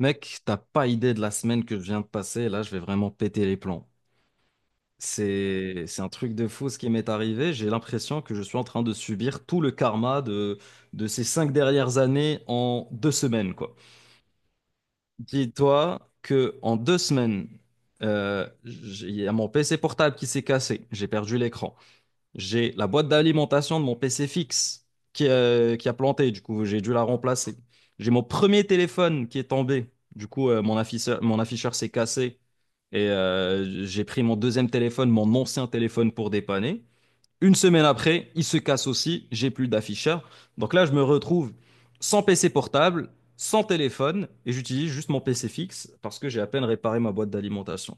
Mec, t'as pas idée de la semaine que je viens de passer. Là, je vais vraiment péter les plombs. C'est un truc de fou ce qui m'est arrivé. J'ai l'impression que je suis en train de subir tout le karma de ces 5 dernières années en 2 semaines, quoi. Dis-toi que en 2 semaines, il y a mon PC portable qui s'est cassé. J'ai perdu l'écran. J'ai la boîte d'alimentation de mon PC fixe qui a planté, du coup, j'ai dû la remplacer. J'ai mon premier téléphone qui est tombé, du coup, mon afficheur s'est cassé et j'ai pris mon deuxième téléphone, mon ancien téléphone pour dépanner. Une semaine après, il se casse aussi, j'ai plus d'afficheur. Donc là, je me retrouve sans PC portable, sans téléphone et j'utilise juste mon PC fixe parce que j'ai à peine réparé ma boîte d'alimentation.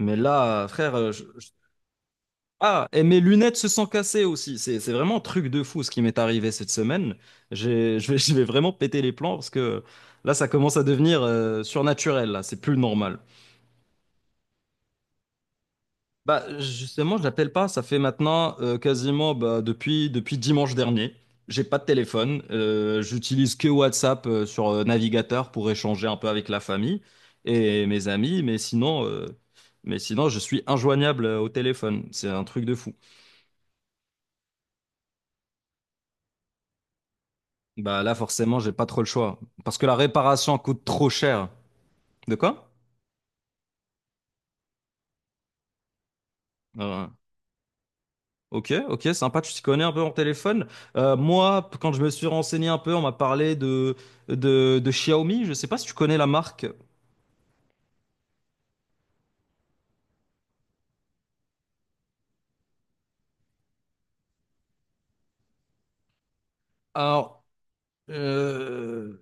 Mais là, frère, ah, et mes lunettes se sont cassées aussi. C'est vraiment un truc de fou ce qui m'est arrivé cette semaine. Je vais, je vais vraiment péter les plombs parce que là, ça commence à devenir surnaturel, là. C'est plus normal. Bah, justement, je l'appelle pas. Ça fait maintenant quasiment bah, depuis dimanche dernier. J'ai pas de téléphone. J'utilise que WhatsApp sur navigateur pour échanger un peu avec la famille et mes amis. Mais sinon, je suis injoignable au téléphone. C'est un truc de fou. Bah là, forcément, j'ai pas trop le choix. Parce que la réparation coûte trop cher. De quoi? Euh, ok, ok, sympa, tu t'y connais un peu en téléphone. Moi, quand je me suis renseigné un peu, on m'a parlé de Xiaomi. Je sais pas si tu connais la marque. Alors, euh,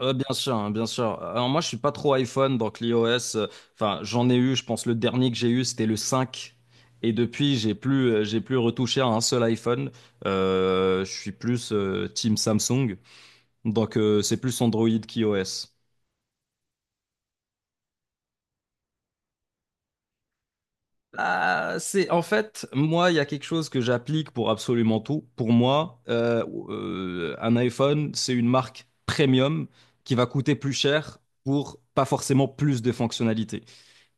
bien sûr, hein, bien sûr. Alors moi, je suis pas trop iPhone, donc l'iOS, enfin, j'en ai eu, je pense le dernier que j'ai eu, c'était le 5. Et depuis, j'ai plus retouché à un seul iPhone. Je suis plus Team Samsung. Donc, c'est plus Android qu'iOS. Ah, c'est en fait, moi, il y a quelque chose que j'applique pour absolument tout. Pour moi, un iPhone, c'est une marque premium qui va coûter plus cher pour pas forcément plus de fonctionnalités.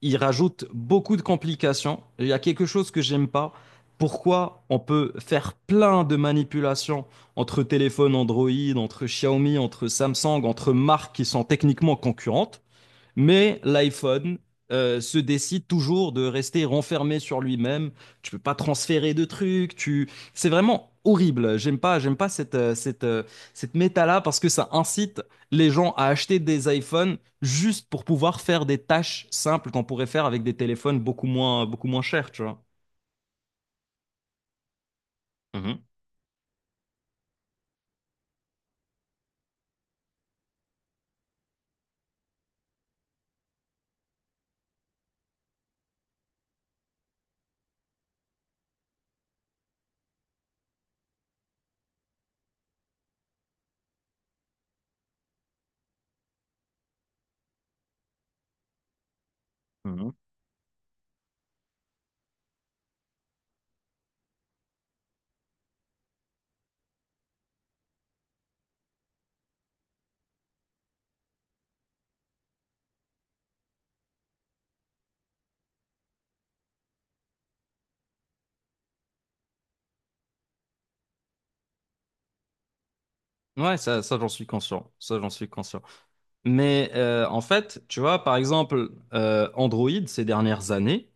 Il rajoute beaucoup de complications. Il y a quelque chose que j'aime pas. Pourquoi on peut faire plein de manipulations entre téléphones Android, entre Xiaomi, entre Samsung, entre marques qui sont techniquement concurrentes? Mais l'iPhone se décide toujours de rester renfermé sur lui-même. Tu peux pas transférer de trucs. C'est vraiment horrible. J'aime pas cette méta-là parce que ça incite les gens à acheter des iPhones juste pour pouvoir faire des tâches simples qu'on pourrait faire avec des téléphones beaucoup moins chers, tu vois. Mhm, mhm. Ouais, ça j'en suis conscient. Ça, j'en suis conscient. Mais en fait, tu vois, par exemple, Android, ces dernières années,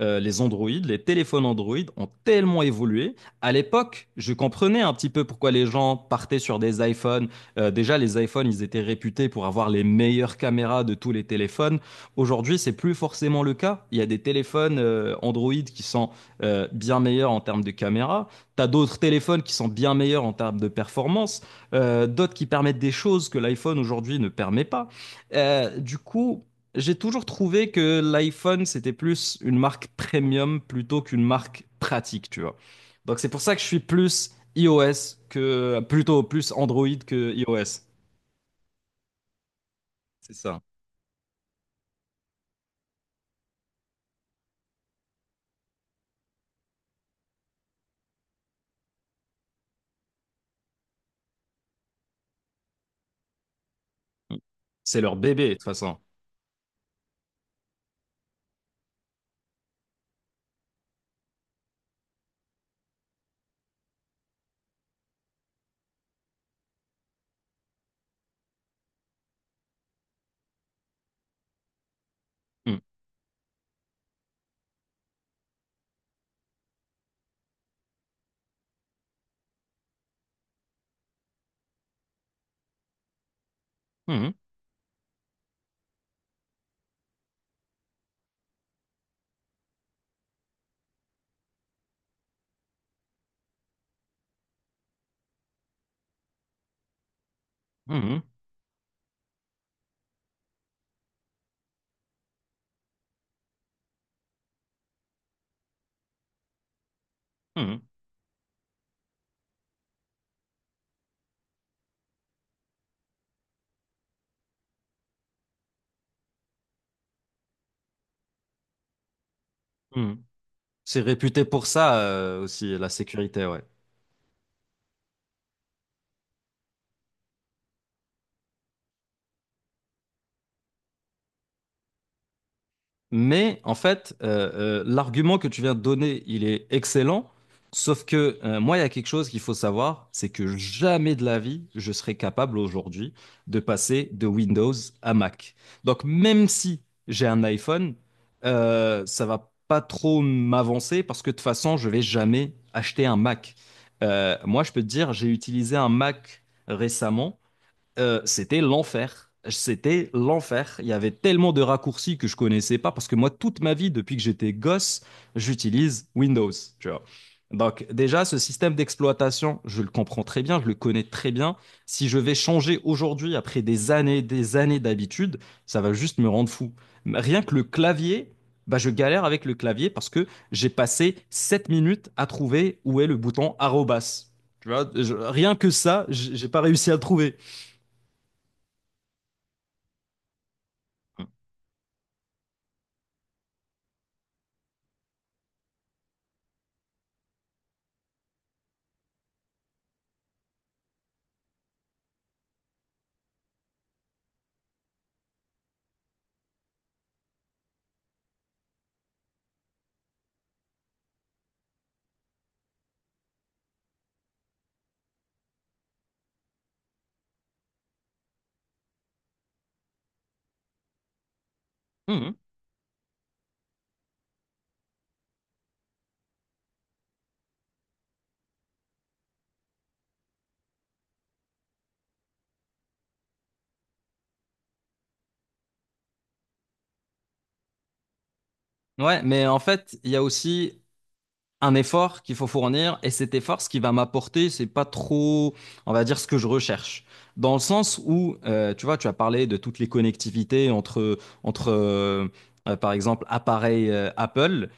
les Android, les téléphones Android ont tellement évolué. À l'époque, je comprenais un petit peu pourquoi les gens partaient sur des iPhones. Déjà, les iPhones, ils étaient réputés pour avoir les meilleures caméras de tous les téléphones. Aujourd'hui, c'est plus forcément le cas. Il y a des téléphones Android qui sont bien meilleurs en termes de caméra. T'as d'autres téléphones qui sont bien meilleurs en termes de performance d'autres qui permettent des choses que l'iPhone aujourd'hui ne permet pas. Du coup, j'ai toujours trouvé que l'iPhone, c'était plus une marque premium plutôt qu'une marque pratique, tu vois. Donc c'est pour ça que je suis plus iOS que, plutôt plus Android que iOS. C'est ça. Mm. C'est leur bébé, de toute façon. Mm. Mhm. Mhm. Mhm. Mhm. C'est réputé pour ça, aussi, la sécurité, ouais. Mais en fait, l'argument que tu viens de donner, il est excellent. Sauf que moi, il y a quelque chose qu'il faut savoir, c'est que jamais de la vie, je serai capable aujourd'hui de passer de Windows à Mac. Donc même si j'ai un iPhone, ça va pas trop m'avancer parce que de toute façon, je vais jamais acheter un Mac. Moi, je peux te dire, j'ai utilisé un Mac récemment. C'était l'enfer. C'était l'enfer. Il y avait tellement de raccourcis que je connaissais pas parce que moi, toute ma vie, depuis que j'étais gosse, j'utilise Windows, tu vois. Donc, déjà, ce système d'exploitation, je le comprends très bien, je le connais très bien. Si je vais changer aujourd'hui, après des années d'habitude, ça va juste me rendre fou. Rien que le clavier, bah, je galère avec le clavier parce que j'ai passé 7 minutes à trouver où est le bouton arrobas. Tu vois, rien que ça, j'ai pas réussi à le trouver. Mhm. Ouais, mais en fait, il y a aussi, un effort qu'il faut fournir et cet effort, ce qui va m'apporter, c'est pas trop, on va dire, ce que je recherche. Dans le sens où, tu vois, tu as parlé de toutes les connectivités entre par exemple, appareils Apple.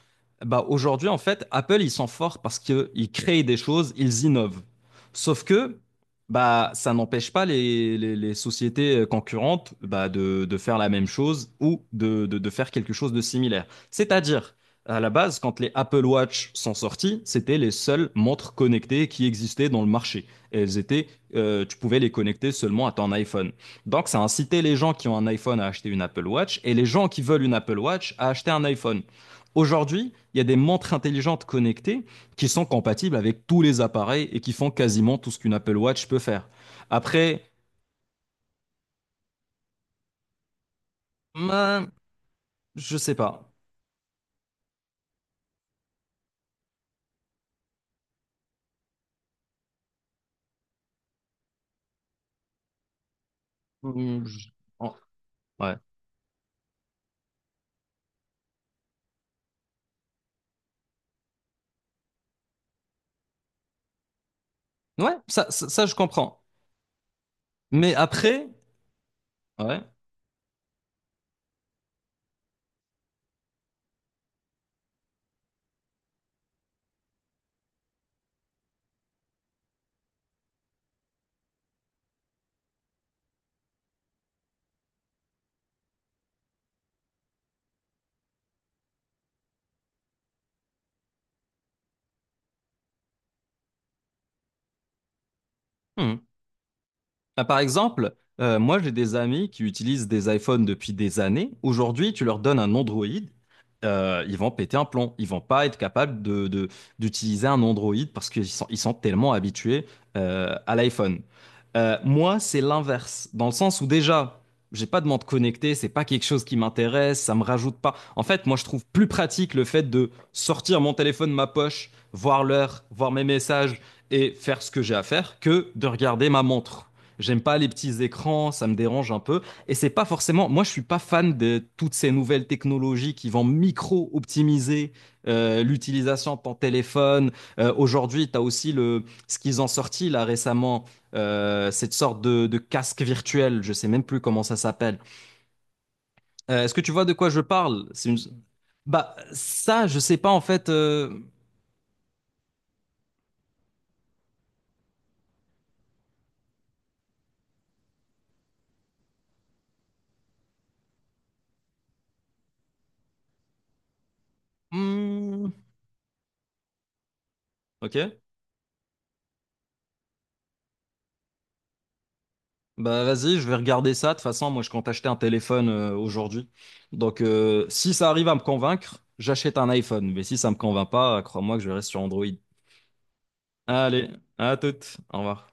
Bah, aujourd'hui, en fait, Apple, ils sont forts parce qu'ils créent des choses, ils innovent. Sauf que, bah, ça n'empêche pas les sociétés concurrentes bah, de faire la même chose ou de faire quelque chose de similaire. C'est-à-dire, à la base, quand les Apple Watch sont sortis, c'était les seules montres connectées qui existaient dans le marché. Et elles étaient, tu pouvais les connecter seulement à ton iPhone. Donc, ça incitait les gens qui ont un iPhone à acheter une Apple Watch et les gens qui veulent une Apple Watch à acheter un iPhone. Aujourd'hui, il y a des montres intelligentes connectées qui sont compatibles avec tous les appareils et qui font quasiment tout ce qu'une Apple Watch peut faire. Après, ben, je sais pas. Hmm, oh, ouais, ouais, ça, je comprends. Mais après, ouais. Hmm. Ah, par exemple, moi j'ai des amis qui utilisent des iPhones depuis des années. Aujourd'hui, tu leur donnes un Android, ils vont péter un plomb. Ils vont pas être capables d'utiliser un Android parce qu'ils sont tellement habitués à l'iPhone. Moi, c'est l'inverse, dans le sens où déjà, j'ai pas de montre connectée, c'est pas quelque chose qui m'intéresse, ça me rajoute pas. En fait, moi, je trouve plus pratique le fait de sortir mon téléphone de ma poche, voir l'heure, voir mes messages et faire ce que j'ai à faire que de regarder ma montre. J'aime pas les petits écrans, ça me dérange un peu. Et c'est pas forcément. Moi, je suis pas fan de toutes ces nouvelles technologies qui vont micro-optimiser l'utilisation de ton téléphone. Aujourd'hui, tu as aussi le ce qu'ils ont sorti là récemment, cette sorte de casque virtuel. Je sais même plus comment ça s'appelle. Est-ce que tu vois de quoi je parle? Bah ça, je sais pas en fait. Hmm, ok. Bah vas-y, je vais regarder ça. De toute façon, moi, je compte acheter un téléphone aujourd'hui. Donc, si ça arrive à me convaincre, j'achète un iPhone. Mais si ça me convainc pas, crois-moi que je reste sur Android. Allez, à toute. Au revoir.